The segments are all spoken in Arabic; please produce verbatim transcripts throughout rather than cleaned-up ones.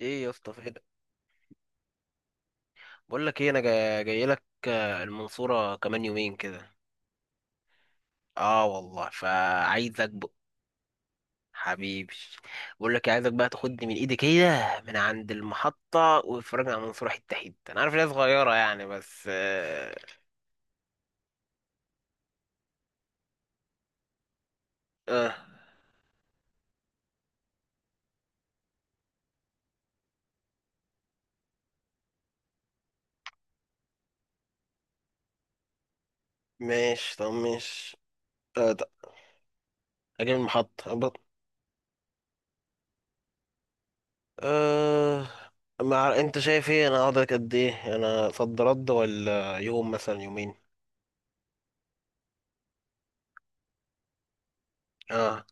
ايه يا اسطى، فين؟ بقول لك ايه، انا جاي, جاي لك، آه، المنصوره كمان يومين كده. اه والله، فعايزك بقى. حبيبي. بقول لك إيه، عايزك بقى تاخدني من ايدي كده، من عند المحطه وتفرجني على المنصوره حته حته. انا عارف ان هي صغيره يعني، بس اه, آه ماشي طب ماشي. آه طب اجي من المحطه أبط- آه مع، انت شايف ايه، انا اقعد لك قد ايه، انا صد رد ولا يوم مثلا يومين. اه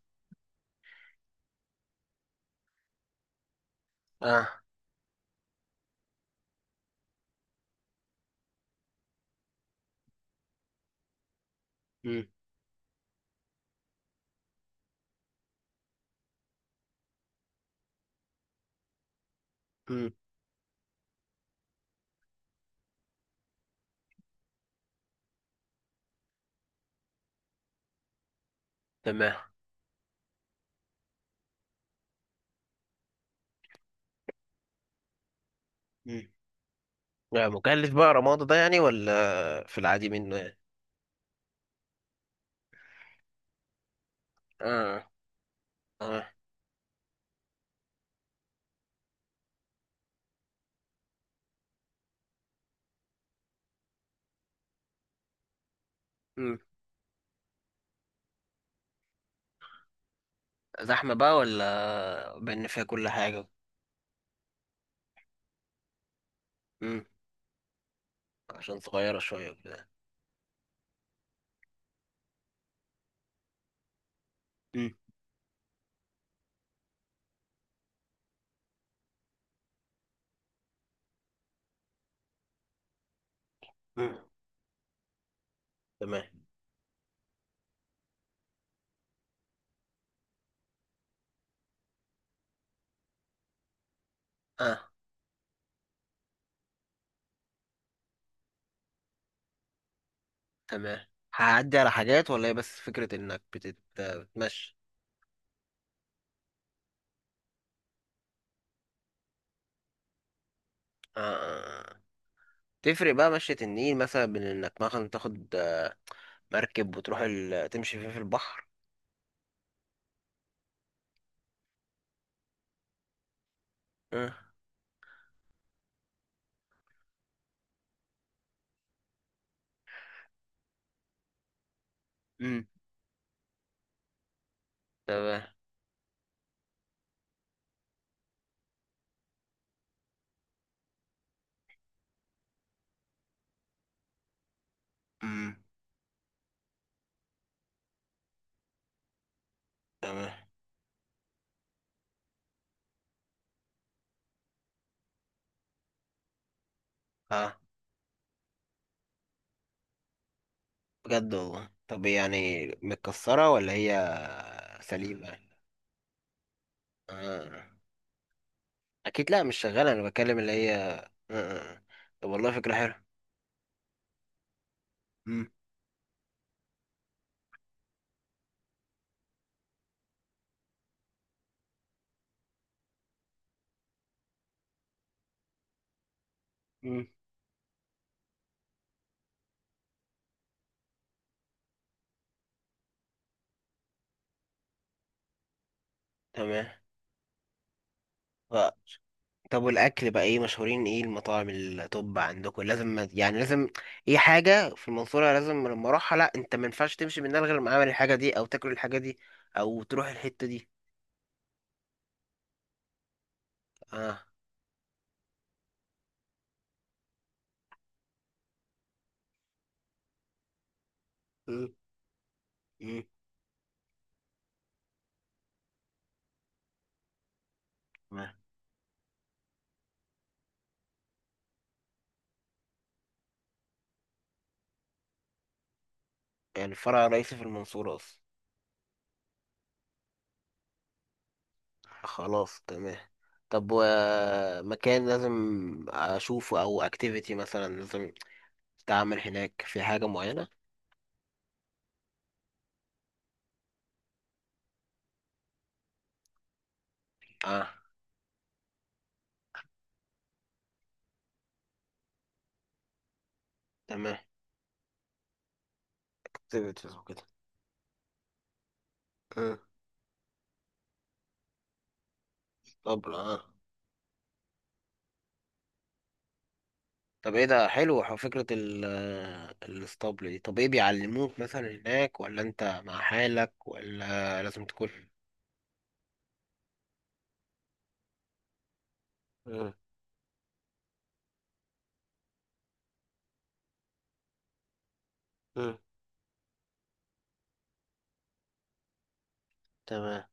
اه. مم. مم. تمام. لا، مكلف بقى رمادة ده يعني ولا في العادي منه يعني؟ اه اه. مم. زحمة بقى ولا بان فيها كل حاجة؟ مم. عشان صغيرة شوية وكده. مم. مم. تمام. اه. تمام. هعدي على حاجات ولا هي بس فكرة انك بتت... بتمشي؟ اه. آه، آه. تفرق بقى مشية النيل مثلا بين انك مثلا تاخد مركب وتروح ال... تمشي فيه في البحر؟ اه. مم. تمام. مم. تمام. اه. بجد والله. طب يعني متكسرة ولا هي سليمة؟ آه. أكيد، لأ مش شغالة، أنا بتكلم اللي هي. آه. آه. آه. طب والله فكرة حلوة. مم. مم. تمام. ف- طب والأكل بقى إيه؟ مشهورين إيه المطاعم التوب عندكم؟ لازم يعني لازم إيه حاجة في المنصورة لازم لما أروحها، لأ أنت ما ينفعش تمشي من هنا غير لما أعمل الحاجة دي أو تاكل الحاجة دي أو تروح الحتة دي. آه. مم. مم. تمام. يعني الفرع الرئيسي في المنصورة أصلا. خلاص، تمام. طب ومكان لازم اشوفه او اكتيفيتي مثلا لازم تعمل هناك، في حاجة معينة؟ اه. تمام. اكتيفيتيز وكده. آه. طب اه. طب ايه، ده حلو، ح- فكرة ال الاسطبل دي. طب ايه، بيعلموك مثلا هناك ولا انت مع حالك ولا لازم تكون؟ مم. مم. تمام.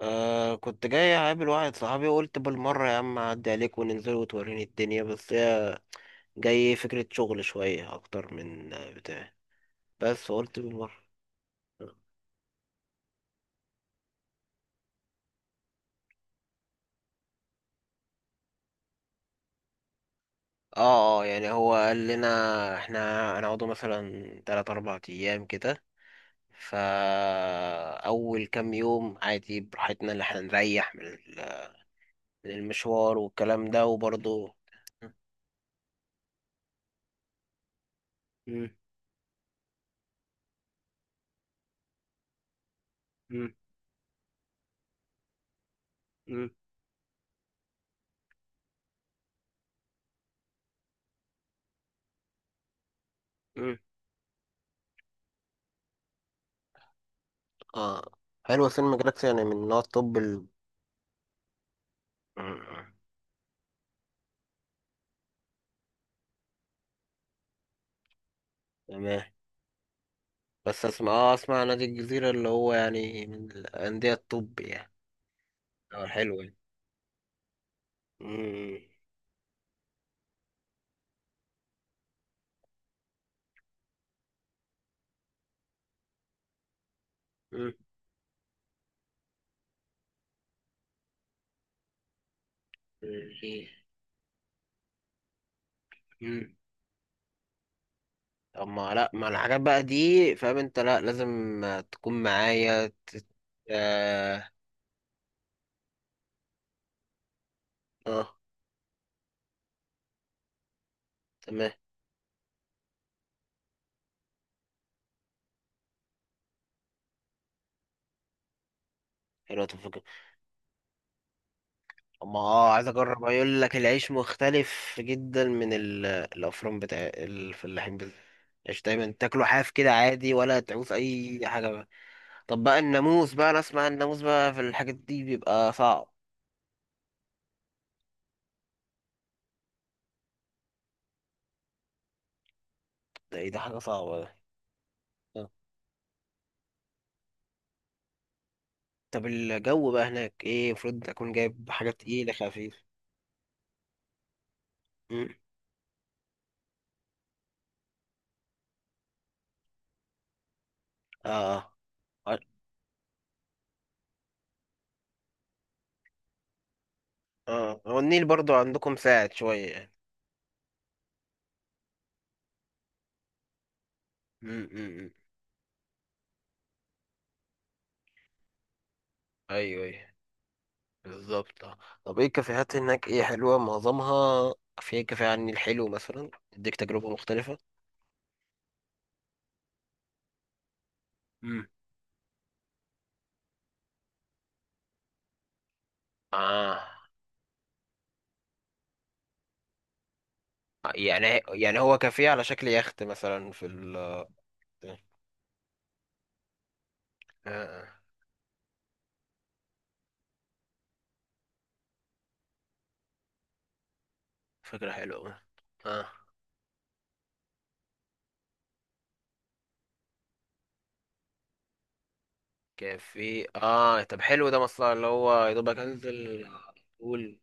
آه، كنت جاي اقابل واحد صحابي، وقلت بالمرة يا عم اعدي عليك وننزل وتوريني الدنيا، بس هي جاي فكرة شغل شوية أكتر من بتاع، بس قلت بالمرة. اه اه، يعني هو قال لنا احنا هنقعدوا مثلا تلات اربع ايام كده، فا اول كام يوم عادي براحتنا، اللي احنا نريح من ال- من المشوار والكلام ده وبرضه. مم. مم. مم. مم. اه، حلو. سينما جالاكسي يعني من نوع الطب ال... مم. تمام. بس اسمع، اه اسمع، نادي الجزيرة اللي هو يعني من الأندية الطب يعني؟ اه، حلو. مم. مم. مم. طب ما لا، ما الحاجات بقى دي فاهم، انت لا لازم تكون معايا ت- اه, آه. تمام. حلوة الفكرة. اما اه، عايز اجرب، يقول لك العيش مختلف جدا من ال- الافران بتاع الفلاحين بت- العيش دايما تاكله حاف كده عادي ولا تعوز اي حاجة بقى. طب بقى الناموس بقى، انا اسمع الناموس بقى في الحاجات دي بيبقى صعب. ده ايه، ده حاجة صعبة. ده. طب الجو بقى هناك ايه؟ المفروض اكون جايب حاجة تقيلة، خفيف؟ مم. اه اه. آه. هو النيل برضو عندكم ساعد شوية يعني. مم. مم. مم. ايوه ايوه. بالظبط. آه. طب ايه الكافيهات هناك، ايه حلوة معظمها؟ في كافيه على النيل حلو مثلا، اديك تجربة مختلفة؟ مم. اه. يعني، يعني هو كافيه على شكل يخت مثلا، في ال آه. آه. فكرة حلوة أوي. اه، كافيه. اه طب حلو، ده مصلحة، اللي هو يا دوبك انزل. قول.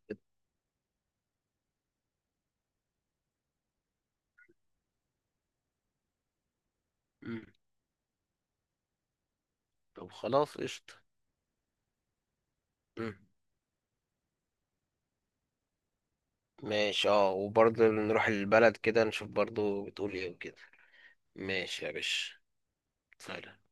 مم. طب خلاص، قشطة. مم. ماشي، اه، وبرضه نروح البلد كده نشوف برضه بتقول ايه وكده. ماشي يا باشا. سلام.